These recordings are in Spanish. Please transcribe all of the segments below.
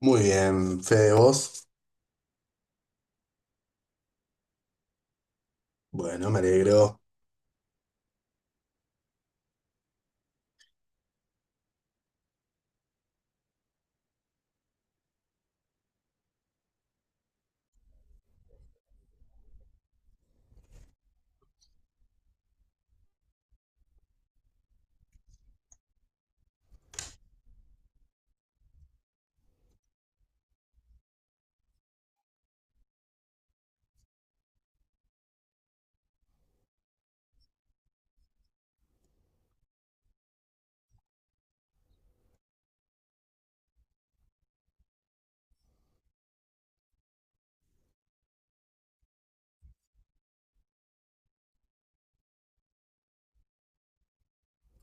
Muy bien, Fede, vos. Bueno, me alegro.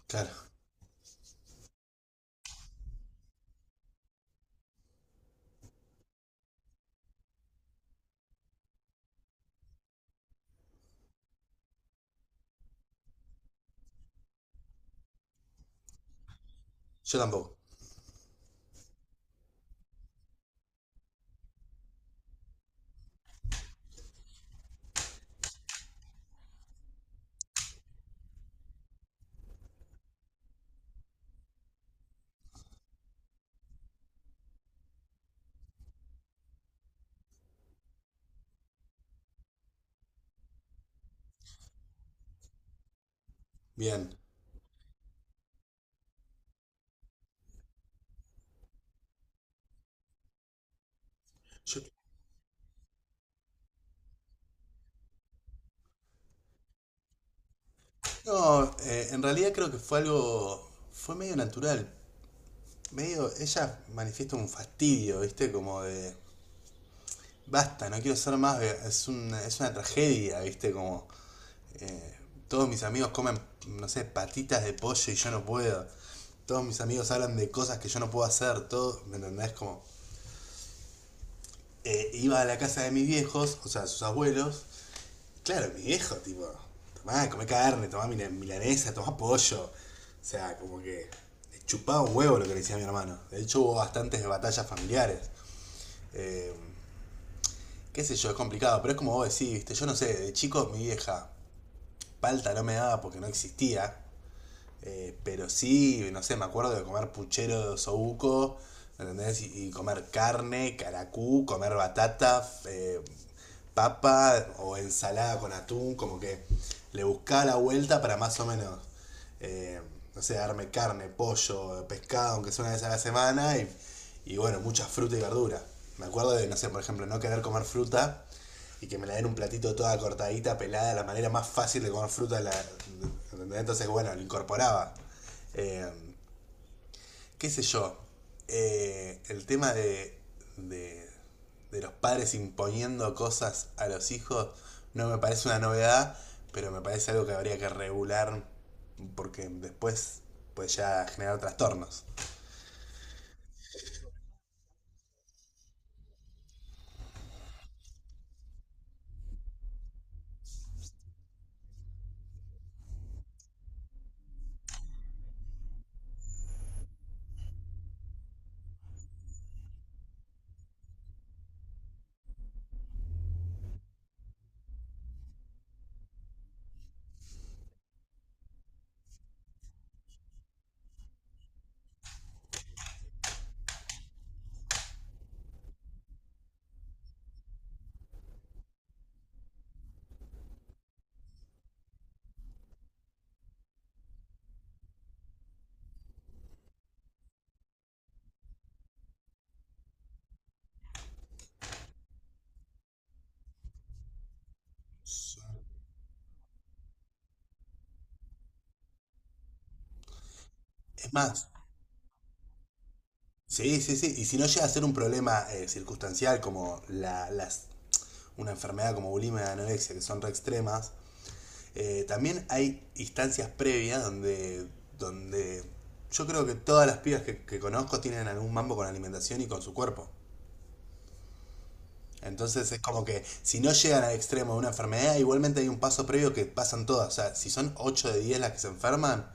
Claro, yo tampoco. Bien. Yo- no, en realidad creo que fue algo, fue medio natural. Medio, ella manifiesta un fastidio, ¿viste? Como de, basta, no quiero ser más, es una tragedia, ¿viste? Como todos mis amigos comen, no sé, patitas de pollo y yo no puedo. Todos mis amigos hablan de cosas que yo no puedo hacer, todo, ¿me entendés? Como, iba a la casa de mis viejos, o sea, sus abuelos. Claro, mi viejo, tipo, tomá, comé carne, tomá milanesa, tomá pollo. O sea, como que le chupaba un huevo lo que le decía mi hermano. De hecho, hubo bastantes batallas familiares. Eh, qué sé yo, es complicado, pero es como vos decís, ¿viste? Yo no sé, de chico mi vieja palta no me daba porque no existía. Pero sí, no sé, me acuerdo de comer puchero de osobuco, ¿entendés? Y comer carne, caracú, comer batata, papa o ensalada con atún, como que le buscaba la vuelta para más o menos, eh, no sé, darme carne, pollo, pescado, aunque sea una vez a la semana, y bueno, mucha fruta y verdura. Me acuerdo de, no sé, por ejemplo, no querer comer fruta y que me la den un platito toda cortadita, pelada, la manera más fácil de comer fruta. Entonces, bueno, lo incorporaba. Eh, ¿Qué sé yo? El tema de, de, los padres imponiendo cosas a los hijos no me parece una novedad, pero me parece algo que habría que regular porque después puede ya generar trastornos. Es más, sí, sí, sí, y si no llega a ser un problema circunstancial, como las una enfermedad como bulimia y anorexia, que son re extremas. También hay instancias previas donde, donde yo creo que todas las pibas que conozco tienen algún mambo con la alimentación y con su cuerpo. Entonces es como que si no llegan al extremo de una enfermedad, igualmente hay un paso previo que pasan todas. O sea, si son 8 de 10 las que se enferman,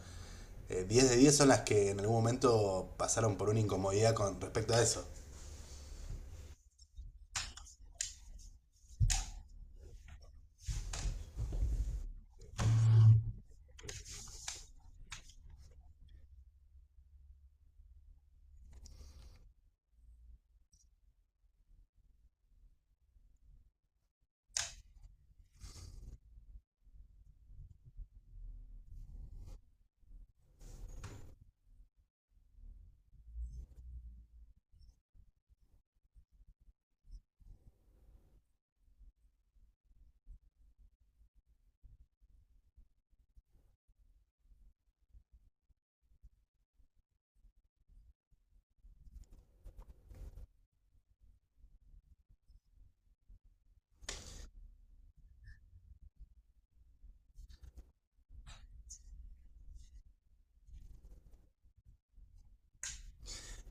10 de 10 son las que en algún momento pasaron por una incomodidad con respecto a eso.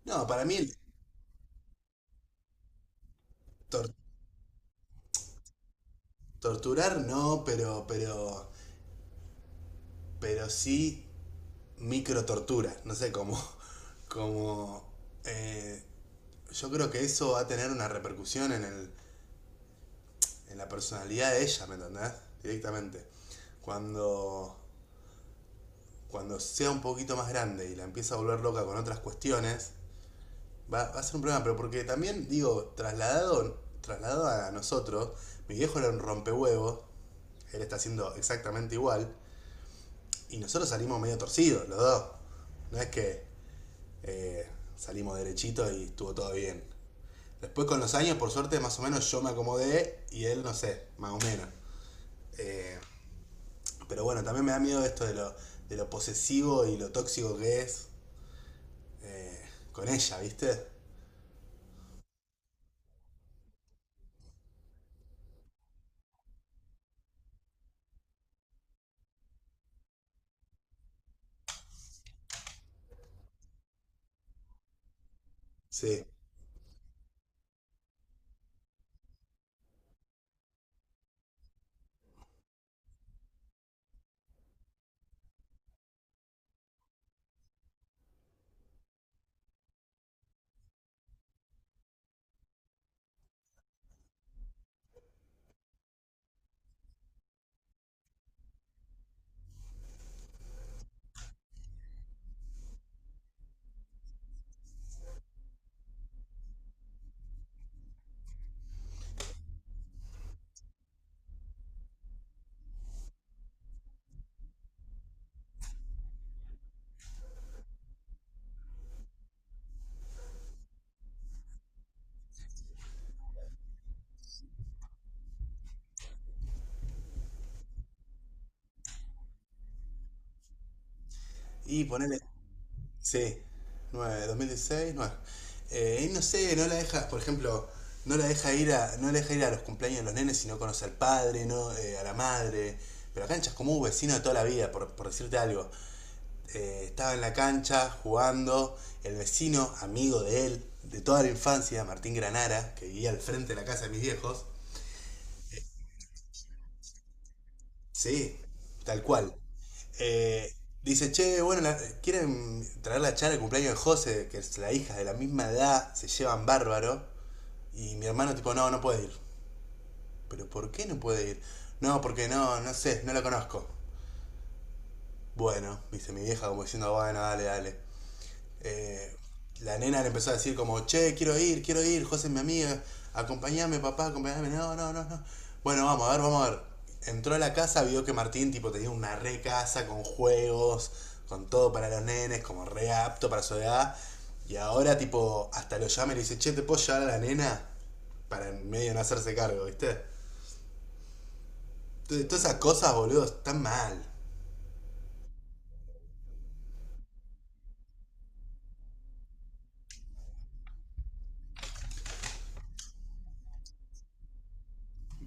No, para mí tor- torturar no, pero sí micro tortura, no sé cómo. Como, eh, yo creo que eso va a tener una repercusión en, en la personalidad de ella, ¿me entendés? Directamente. Cuando, cuando sea un poquito más grande y la empieza a volver loca con otras cuestiones, va a ser un problema. Pero porque también, digo, trasladado, trasladado a nosotros, mi viejo era un rompehuevos, él está haciendo exactamente igual, y nosotros salimos medio torcidos, los dos. No es que eh, salimos derechitos y estuvo todo bien. Después con los años, por suerte, más o menos yo me acomodé y él, no sé, más o menos. Eh, pero bueno, también me da miedo esto de lo, posesivo y lo tóxico que es eh, con ella, ¿viste? Sí. Y ponerle, sí, 9, 2016, 9. Y no sé, no la deja, por ejemplo, no la deja ir a, no la deja ir a los cumpleaños de los nenes si no conoce al padre, no, a la madre. Pero acá en Chascomú, vecino de toda la vida, por decirte algo. Estaba en la cancha jugando, el vecino, amigo de él, de toda la infancia, Martín Granara, que vivía al frente de la casa de mis viejos. Sí, tal cual. Eh, dice, che, bueno, quieren traer la charla de cumpleaños de José, que es la hija de la misma edad, se llevan bárbaro. Y mi hermano, tipo, no, no puede ir. ¿Pero por qué no puede ir? No, porque no, no sé, no la conozco. Bueno, dice mi vieja como diciendo, bueno, dale, dale. eh, la nena le empezó a decir como, che, quiero ir, José es mi amiga, acompáñame papá, acompáñame no, no, no, no. Bueno, vamos a ver, vamos a ver. Entró a la casa, vio que Martín tipo tenía una re casa con juegos, con todo para los nenes, como re apto para su edad. Y ahora tipo, hasta lo llama y le dice, che, ¿te puedo llevar a la nena? Para en medio no hacerse cargo, ¿viste? Entonces, todas esas cosas, boludo, están mal.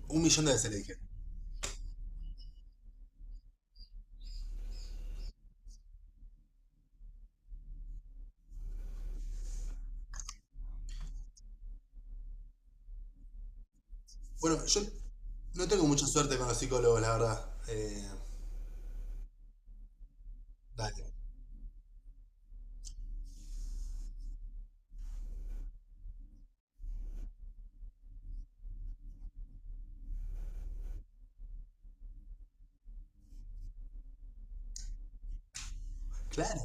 Un millón de veces le dije. Bueno, yo no tengo mucha suerte con los psicólogos, la verdad. Dale. Claro.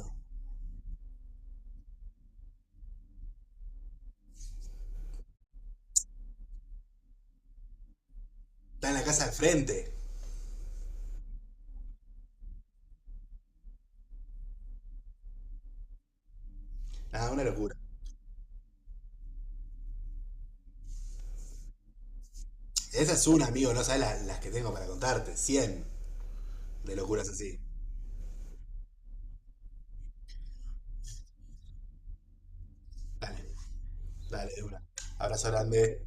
Está en la casa de frente. Ah, una locura. Esa es una, amigo, no sabes las que tengo para contarte. 100 de locuras así. Dale, dale, de una. Abrazo grande.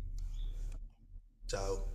Chao.